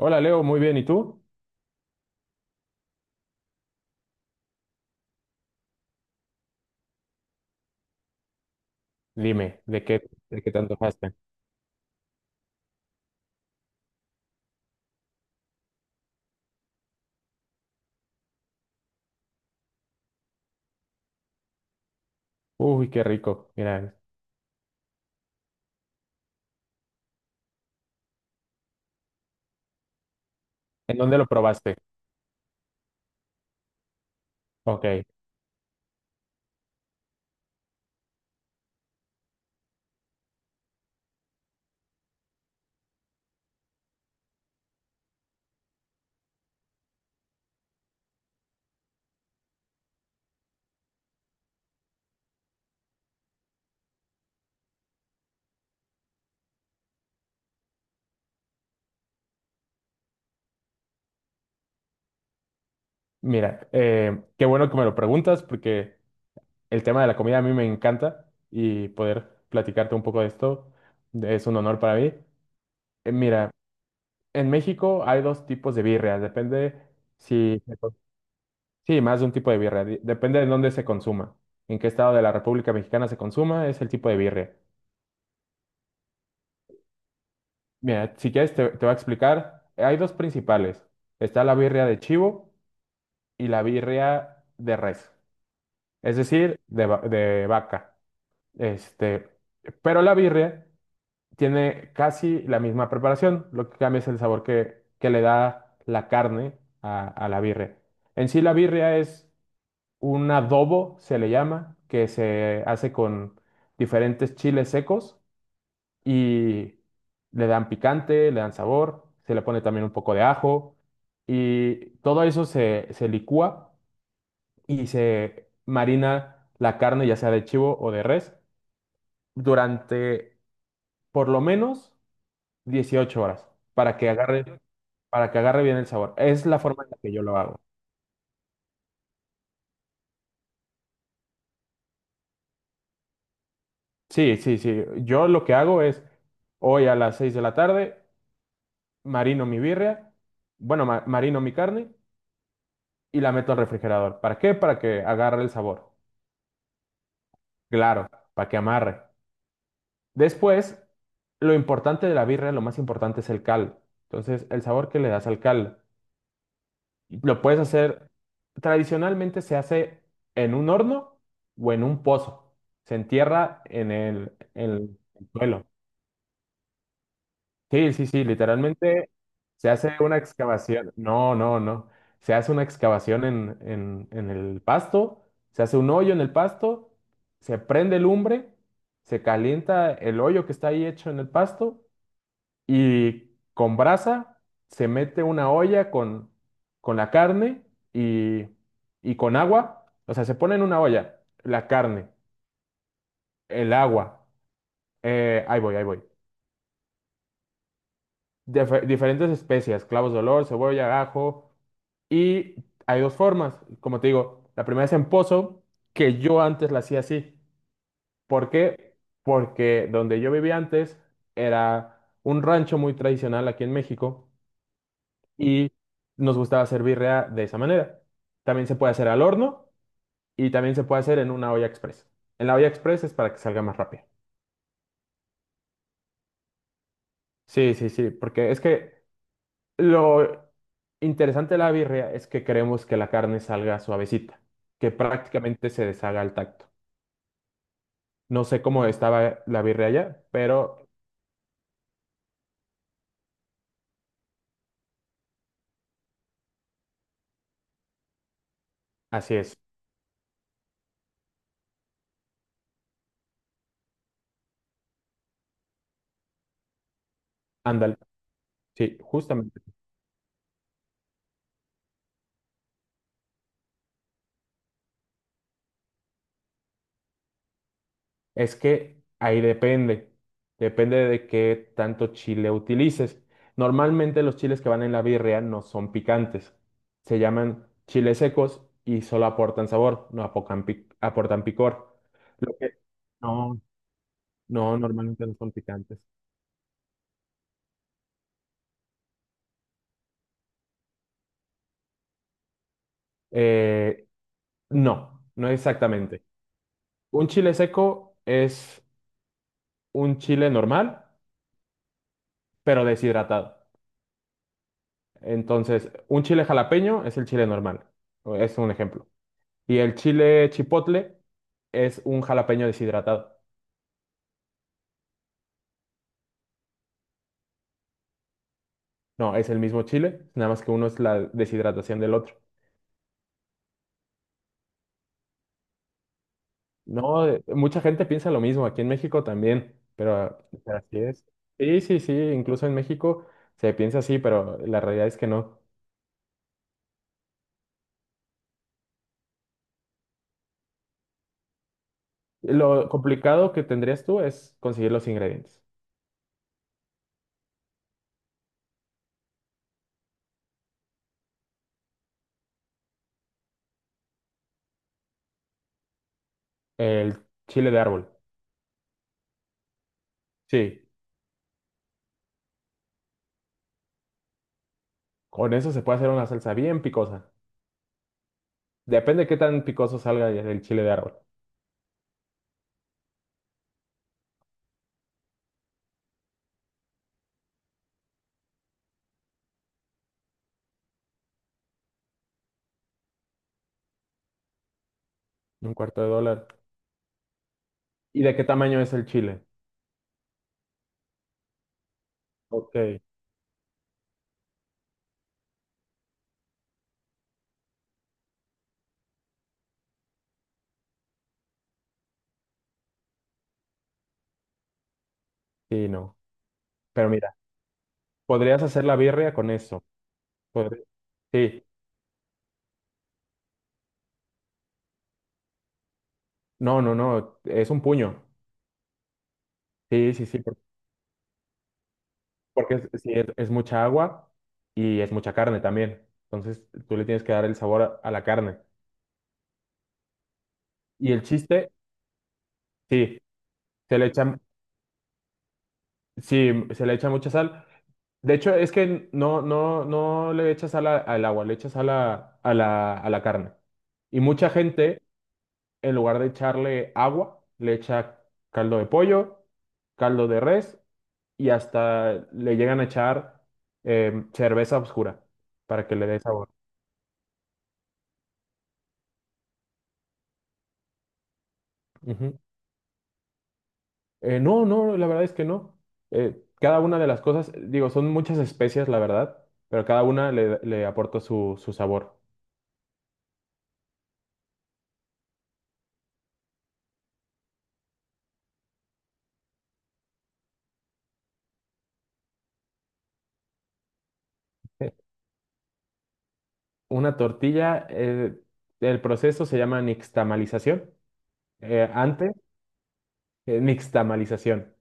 Hola Leo, muy bien. ¿Y tú? Dime, de qué te antojaste? Uy, qué rico. Mira, ¿en dónde lo probaste? Ok, mira, qué bueno que me lo preguntas porque el tema de la comida a mí me encanta y poder platicarte un poco de esto es un honor para mí. Mira, en México hay dos tipos de birria. Depende si. Sí, más de un tipo de birria. Depende de dónde se consuma. En qué estado de la República Mexicana se consuma es el tipo de birria. Mira, si quieres te voy a explicar. Hay dos principales. Está la birria de chivo y la birria de res, es decir, de vaca. Este, pero la birria tiene casi la misma preparación. Lo que cambia es el sabor que le da la carne a la birria. En sí, la birria es un adobo, se le llama, que se hace con diferentes chiles secos y le dan picante, le dan sabor, se le pone también un poco de ajo y todo eso se licúa y se marina la carne, ya sea de chivo o de res, durante por lo menos 18 horas para que agarre, para que agarre bien el sabor. Es la forma en la que yo lo hago. Sí, sí, sí. Yo lo que hago es hoy a las 6 de la tarde marino mi birria, bueno, marino mi carne y la meto al refrigerador. ¿Para qué? Para que agarre el sabor. Claro, para que amarre. Después, lo importante de la birria, lo más importante es el cal. Entonces, el sabor que le das al cal. Lo puedes hacer, tradicionalmente se hace en un horno o en un pozo. Se entierra en el suelo. Sí, sí, sí, literalmente se hace una excavación. No, no, no. Se hace una excavación en el pasto, se hace un hoyo en el pasto, se prende lumbre, se calienta el hoyo que está ahí hecho en el pasto y con brasa se mete una olla con la carne y, y con agua. O sea, se pone en una olla la carne, el agua. Ahí voy, ahí voy. Diferentes especias, clavos de olor, cebolla, ajo y hay dos formas, como te digo, la primera es en pozo, que yo antes la hacía así. ¿Por qué? Porque donde yo vivía antes era un rancho muy tradicional aquí en México y nos gustaba hacer birria de esa manera. También se puede hacer al horno y también se puede hacer en una olla express. En la olla express es para que salga más rápido. Sí, sí, sí, porque es que lo interesante de la birria es que queremos que la carne salga suavecita, que prácticamente se deshaga al tacto. No sé cómo estaba la birria allá, pero así es. Ándale. Sí, justamente. Es que ahí depende. Depende de qué tanto chile utilices. Normalmente los chiles que van en la birria no son picantes. Se llaman chiles secos y solo aportan sabor, no apocan aportan picor. Lo que no, no, normalmente no son picantes. Eh, no, no exactamente. Un chile seco es un chile normal, pero deshidratado. Entonces, un chile jalapeño es el chile normal, es un ejemplo. Y el chile chipotle es un jalapeño deshidratado. No, es el mismo chile, nada más que uno es la deshidratación del otro. No, mucha gente piensa lo mismo, aquí en México también, pero así es. Sí, sí, sí, incluso en México se piensa así, pero la realidad es que no. Lo complicado que tendrías tú es conseguir los ingredientes. El chile de árbol, sí, con eso se puede hacer una salsa bien picosa. Depende de qué tan picoso salga el chile de árbol. Un cuarto de dólar. ¿Y de qué tamaño es el chile? Ok. Sí, no. Pero mira, podrías hacer la birria con eso. Podr- Sí. No, no, no. Es un puño. Sí, sí, sí. Porque es, sí, es mucha agua y es mucha carne también. Entonces tú le tienes que dar el sabor a la carne. Y el chiste, sí. Se le echa. Sí, se le echa mucha sal. De hecho, es que no, no, no le echa sal al agua, le echa sal a la carne. Y mucha gente, en lugar de echarle agua, le echa caldo de pollo, caldo de res y hasta le llegan a echar cerveza oscura para que le dé sabor. Ujú. No, no, la verdad es que no. Cada una de las cosas, digo, son muchas especias, la verdad, pero cada una le aporta su sabor. Una tortilla, el proceso se llama nixtamalización. Antes, nixtamalización.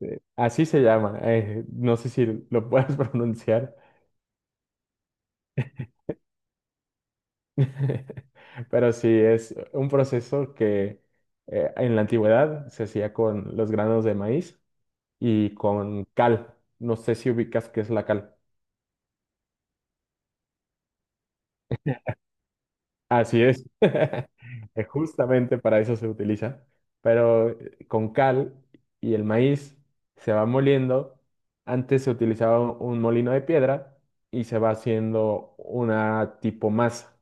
Así se llama. No sé si lo puedes pronunciar, pero sí, es un proceso que en la antigüedad se hacía con los granos de maíz y con cal. No sé si ubicas qué es la cal. Así es. Es justamente para eso se utiliza. Pero con cal y el maíz se va moliendo. Antes se utilizaba un molino de piedra y se va haciendo una tipo masa.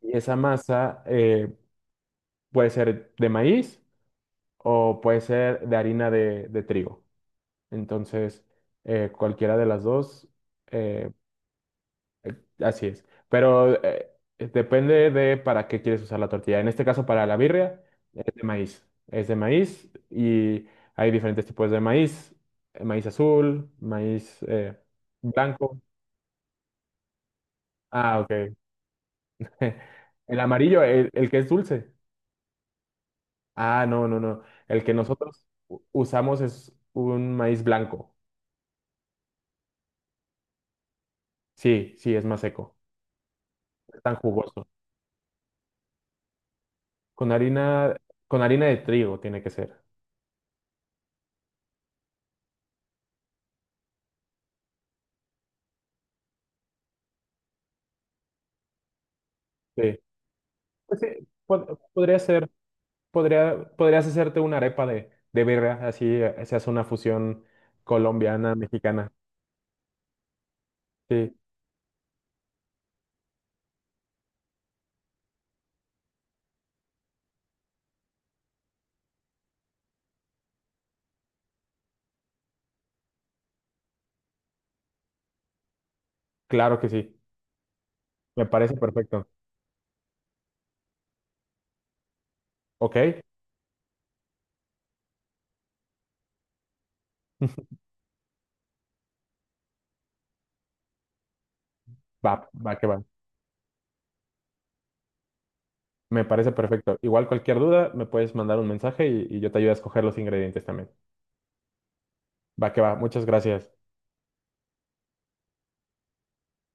Y esa masa puede ser de maíz o puede ser de harina de trigo. Entonces, cualquiera de las dos. eh, Así es. Pero depende de para qué quieres usar la tortilla. En este caso, para la birria, es de maíz. Es de maíz y hay diferentes tipos de maíz. Maíz azul, maíz blanco. Ah, ok. El amarillo, el que es dulce. Ah, no, no, no. El que nosotros usamos es un maíz blanco. Sí, sí, es más seco. Es tan jugoso. Con harina, con harina de trigo tiene que ser. Sí. Pues sí, podría ser. Podrías hacerte una arepa de birria, así se hace una fusión colombiana, mexicana. Sí, claro que sí. Me parece perfecto. Ok, va, va que va. Me parece perfecto. Igual cualquier duda, me puedes mandar un mensaje y yo te ayudo a escoger los ingredientes también. Va que va. Muchas gracias.